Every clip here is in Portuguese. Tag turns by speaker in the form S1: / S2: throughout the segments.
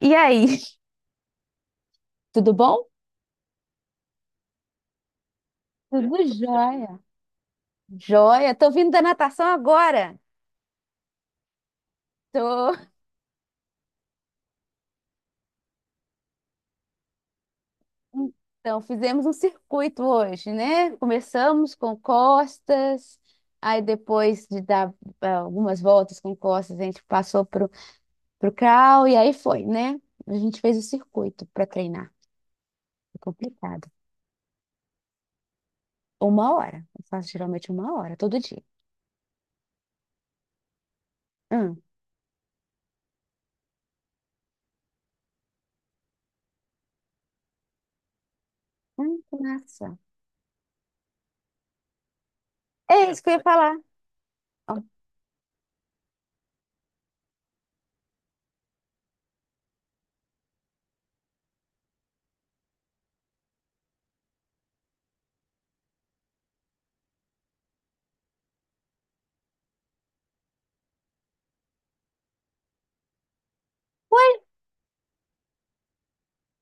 S1: E aí? Tudo bom? Tudo jóia. Jóia. Tô vindo da natação agora. Tô... Então, fizemos um circuito hoje, né? Começamos com costas, aí depois de dar algumas voltas com costas, a gente passou pro crawl e aí foi, né? A gente fez o circuito para treinar. É complicado. Uma hora. Eu faço geralmente uma hora, todo dia. Hum. Que massa. É isso que eu ia falar. Ó.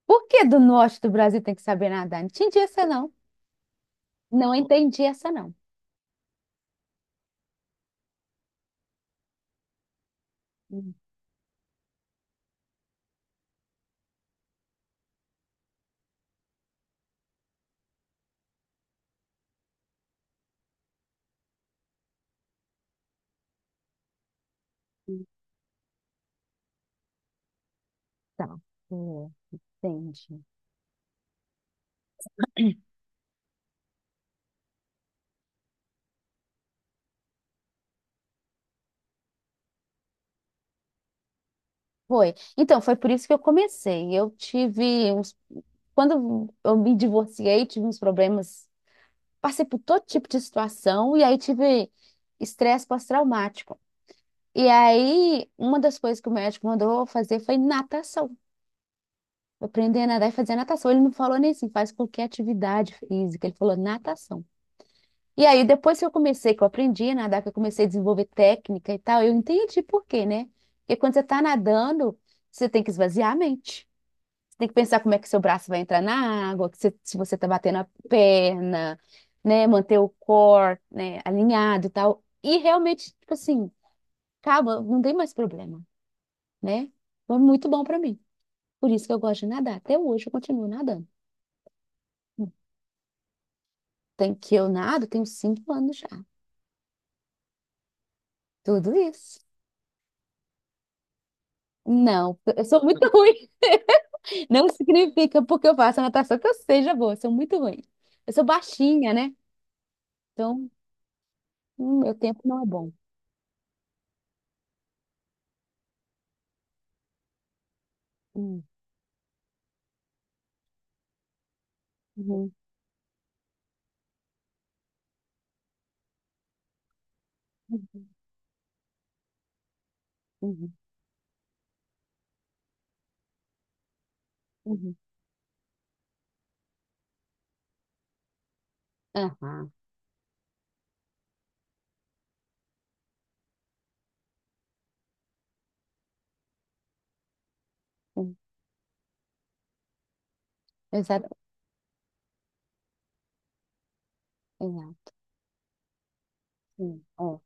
S1: Por que do norte do Brasil tem que saber nadar? Não entendi essa, não. Não entendi essa, não. Então. É. Entendi. Foi. Então, foi por isso que eu comecei. Eu tive uns. Quando eu me divorciei, tive uns problemas. Passei por todo tipo de situação e aí tive estresse pós-traumático. E aí, uma das coisas que o médico mandou eu fazer foi natação. Aprender a nadar e fazer natação. Ele não falou nem assim, faz qualquer atividade física. Ele falou natação. E aí, depois que eu comecei, que eu aprendi a nadar, que eu comecei a desenvolver técnica e tal, eu entendi por quê, né? Porque quando você está nadando, você tem que esvaziar a mente. Você tem que pensar como é que seu braço vai entrar na água, se você está batendo a perna, né? Manter o core, né, alinhado e tal. E realmente, tipo assim, calma, não tem mais problema, né? Foi muito bom para mim. Por isso que eu gosto de nadar. Até hoje eu continuo nadando. Tem que eu nado, tenho 5 anos já. Tudo isso. Não, eu sou muito ruim. Não significa porque eu faço natação que eu seja boa, eu sou muito ruim. Eu sou baixinha, né? Então, meu tempo não é bom. Hum, uhum, uhum, uhum, uhum. Aham, hum, exato, exato, é.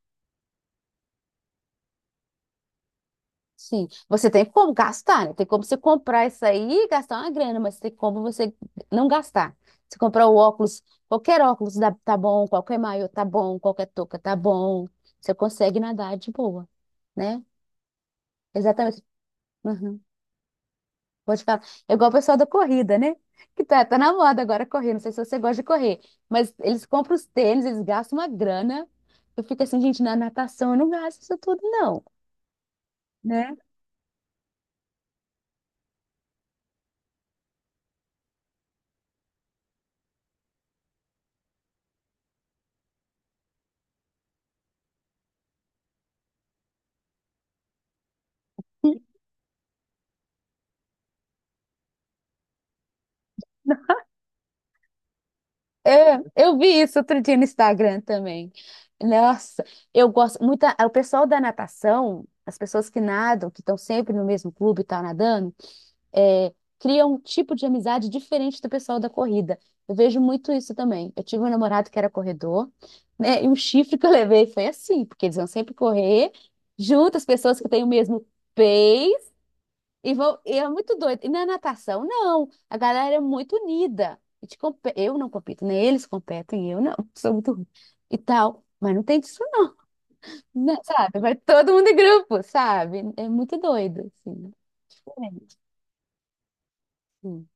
S1: Sim, você tem como gastar, né? Tem como você comprar isso aí e gastar uma grana, mas tem como você não gastar. Você comprar o óculos, tá bom, qualquer maiô tá bom, qualquer touca tá bom. Você consegue nadar de boa, né? Exatamente. Uhum. Vou te falar. É igual o pessoal da corrida, né? Que tá na moda agora correr. Não sei se você gosta de correr. Mas eles compram os tênis, eles gastam uma grana. Eu fico assim, gente, na natação eu não gasto isso tudo, não, né? É, eu vi isso outro dia no Instagram também. Nossa, eu gosto muito. O pessoal da natação, as pessoas que nadam, que estão sempre no mesmo clube e tal, nadando, é, cria um tipo de amizade diferente do pessoal da corrida. Eu vejo muito isso também. Eu tive um namorado que era corredor, né? E um chifre que eu levei foi assim, porque eles vão sempre correr junto, as pessoas que têm o mesmo pace, e vão, e é muito doido. E na natação, não. A galera é muito unida. Eu não compito, nem eles competem, eu não, sou muito ruim. E tal. Mas não tem disso, não, né, sabe? Vai todo mundo em grupo, sabe? É muito doido, assim. Diferente. Sim.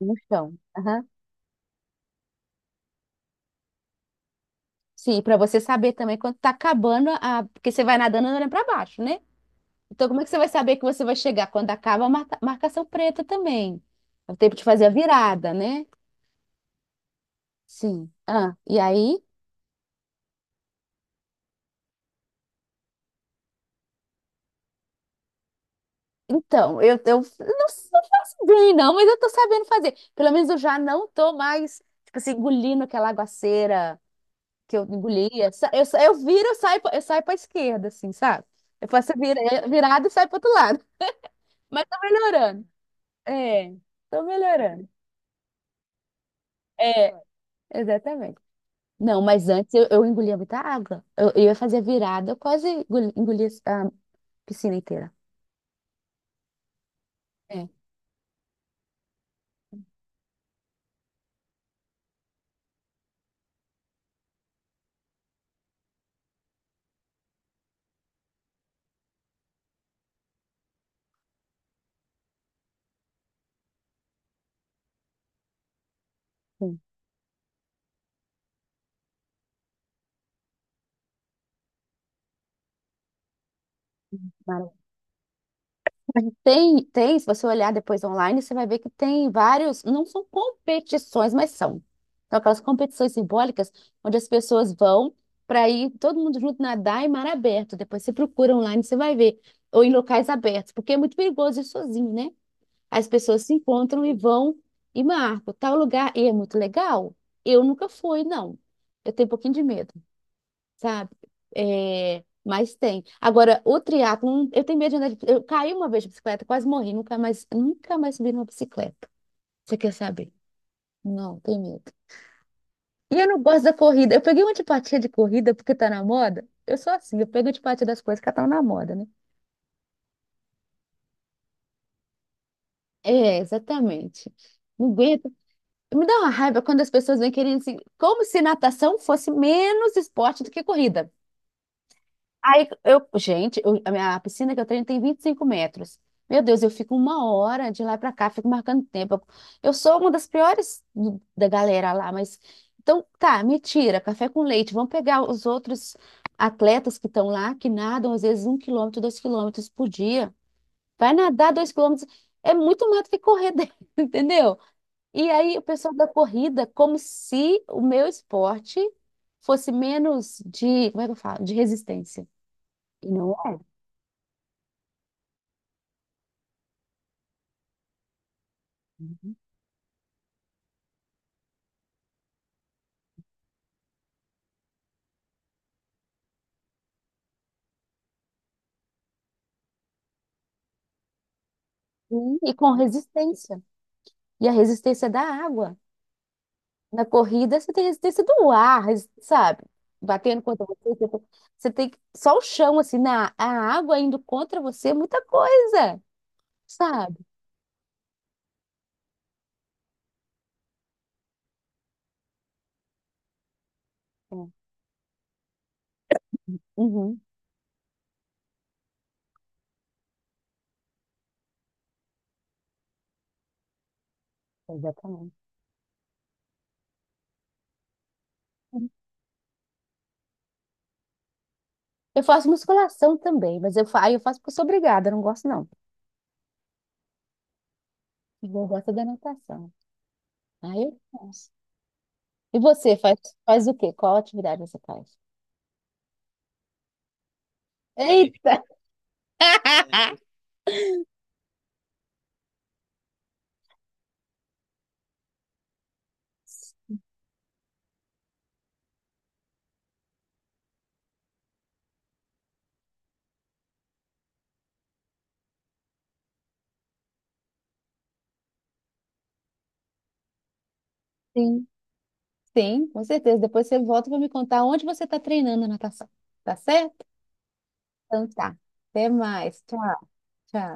S1: No chão. Aham. Sim, para você saber também quando tá acabando a. Porque você vai nadando olhando para baixo, né? Então, como é que você vai saber que você vai chegar quando acaba a marcação preta também? É o tempo de fazer a virada, né? Sim. Ah, e aí? Então, eu não faço bem, não, mas eu tô sabendo fazer. Pelo menos eu já não tô mais, tipo assim, engolindo aquela aguaceira que eu engolia. Eu viro, eu saio, eu saio pra esquerda, assim, sabe? Eu faço a virada e saio pro outro lado. Mas tá melhorando. É, tô melhorando. É, exatamente. Não, mas antes eu engolia muita água. Eu ia fazer virada, eu quase engolia a piscina inteira. É, sim, maravilha. Mas tem, se você olhar depois online, você vai ver que tem vários, não são competições, mas são. São aquelas competições simbólicas onde as pessoas vão para ir todo mundo junto nadar em mar aberto. Depois você procura online, você vai ver. Ou em locais abertos, porque é muito perigoso ir sozinho, né? As pessoas se encontram e vão e marcam tal lugar e é muito legal. Eu nunca fui, não. Eu tenho um pouquinho de medo, sabe? É, mas tem. Agora, o triatlon, eu tenho medo de andar de. Eu caí uma vez de bicicleta, quase morri, nunca mais, nunca mais subi numa bicicleta. Você quer saber? Não, tenho medo. E eu não gosto da corrida. Eu peguei uma antipatia de corrida porque tá na moda. Eu sou assim, eu pego antipatia das coisas que estão na moda, né? É, exatamente. Não aguento. Me dá uma raiva quando as pessoas vêm querendo assim, como se natação fosse menos esporte do que corrida. Aí eu, gente, a minha piscina que eu treino tem 25 metros. Meu Deus, eu fico uma hora de lá pra cá, fico marcando tempo. Eu sou uma das piores da galera lá, mas então tá, me tira, café com leite. Vamos pegar os outros atletas que estão lá, que nadam às vezes 1 quilômetro, 2 quilômetros por dia. Vai nadar 2 quilômetros. É muito mais do que correr, entendeu? E aí, o pessoal da corrida, como se o meu esporte fosse menos de, como é que eu falo? De resistência. E não é. Sim, e com resistência. E a resistência é da água. Na corrida, você tem resistência do ar, sabe? Batendo contra você. Você tem só o chão, assim, a água indo contra você é muita coisa, sabe? É. Uhum, exatamente. Eu faço musculação também, mas aí eu faço porque eu sou obrigada, eu não gosto não. Eu gosto da natação. Aí eu faço. E você faz o quê? Qual atividade você faz? Eita! Sim, sim, com certeza. Depois você volta para me contar onde você está treinando a natação. Tá certo? Então tá. Até mais. Tchau, tchau.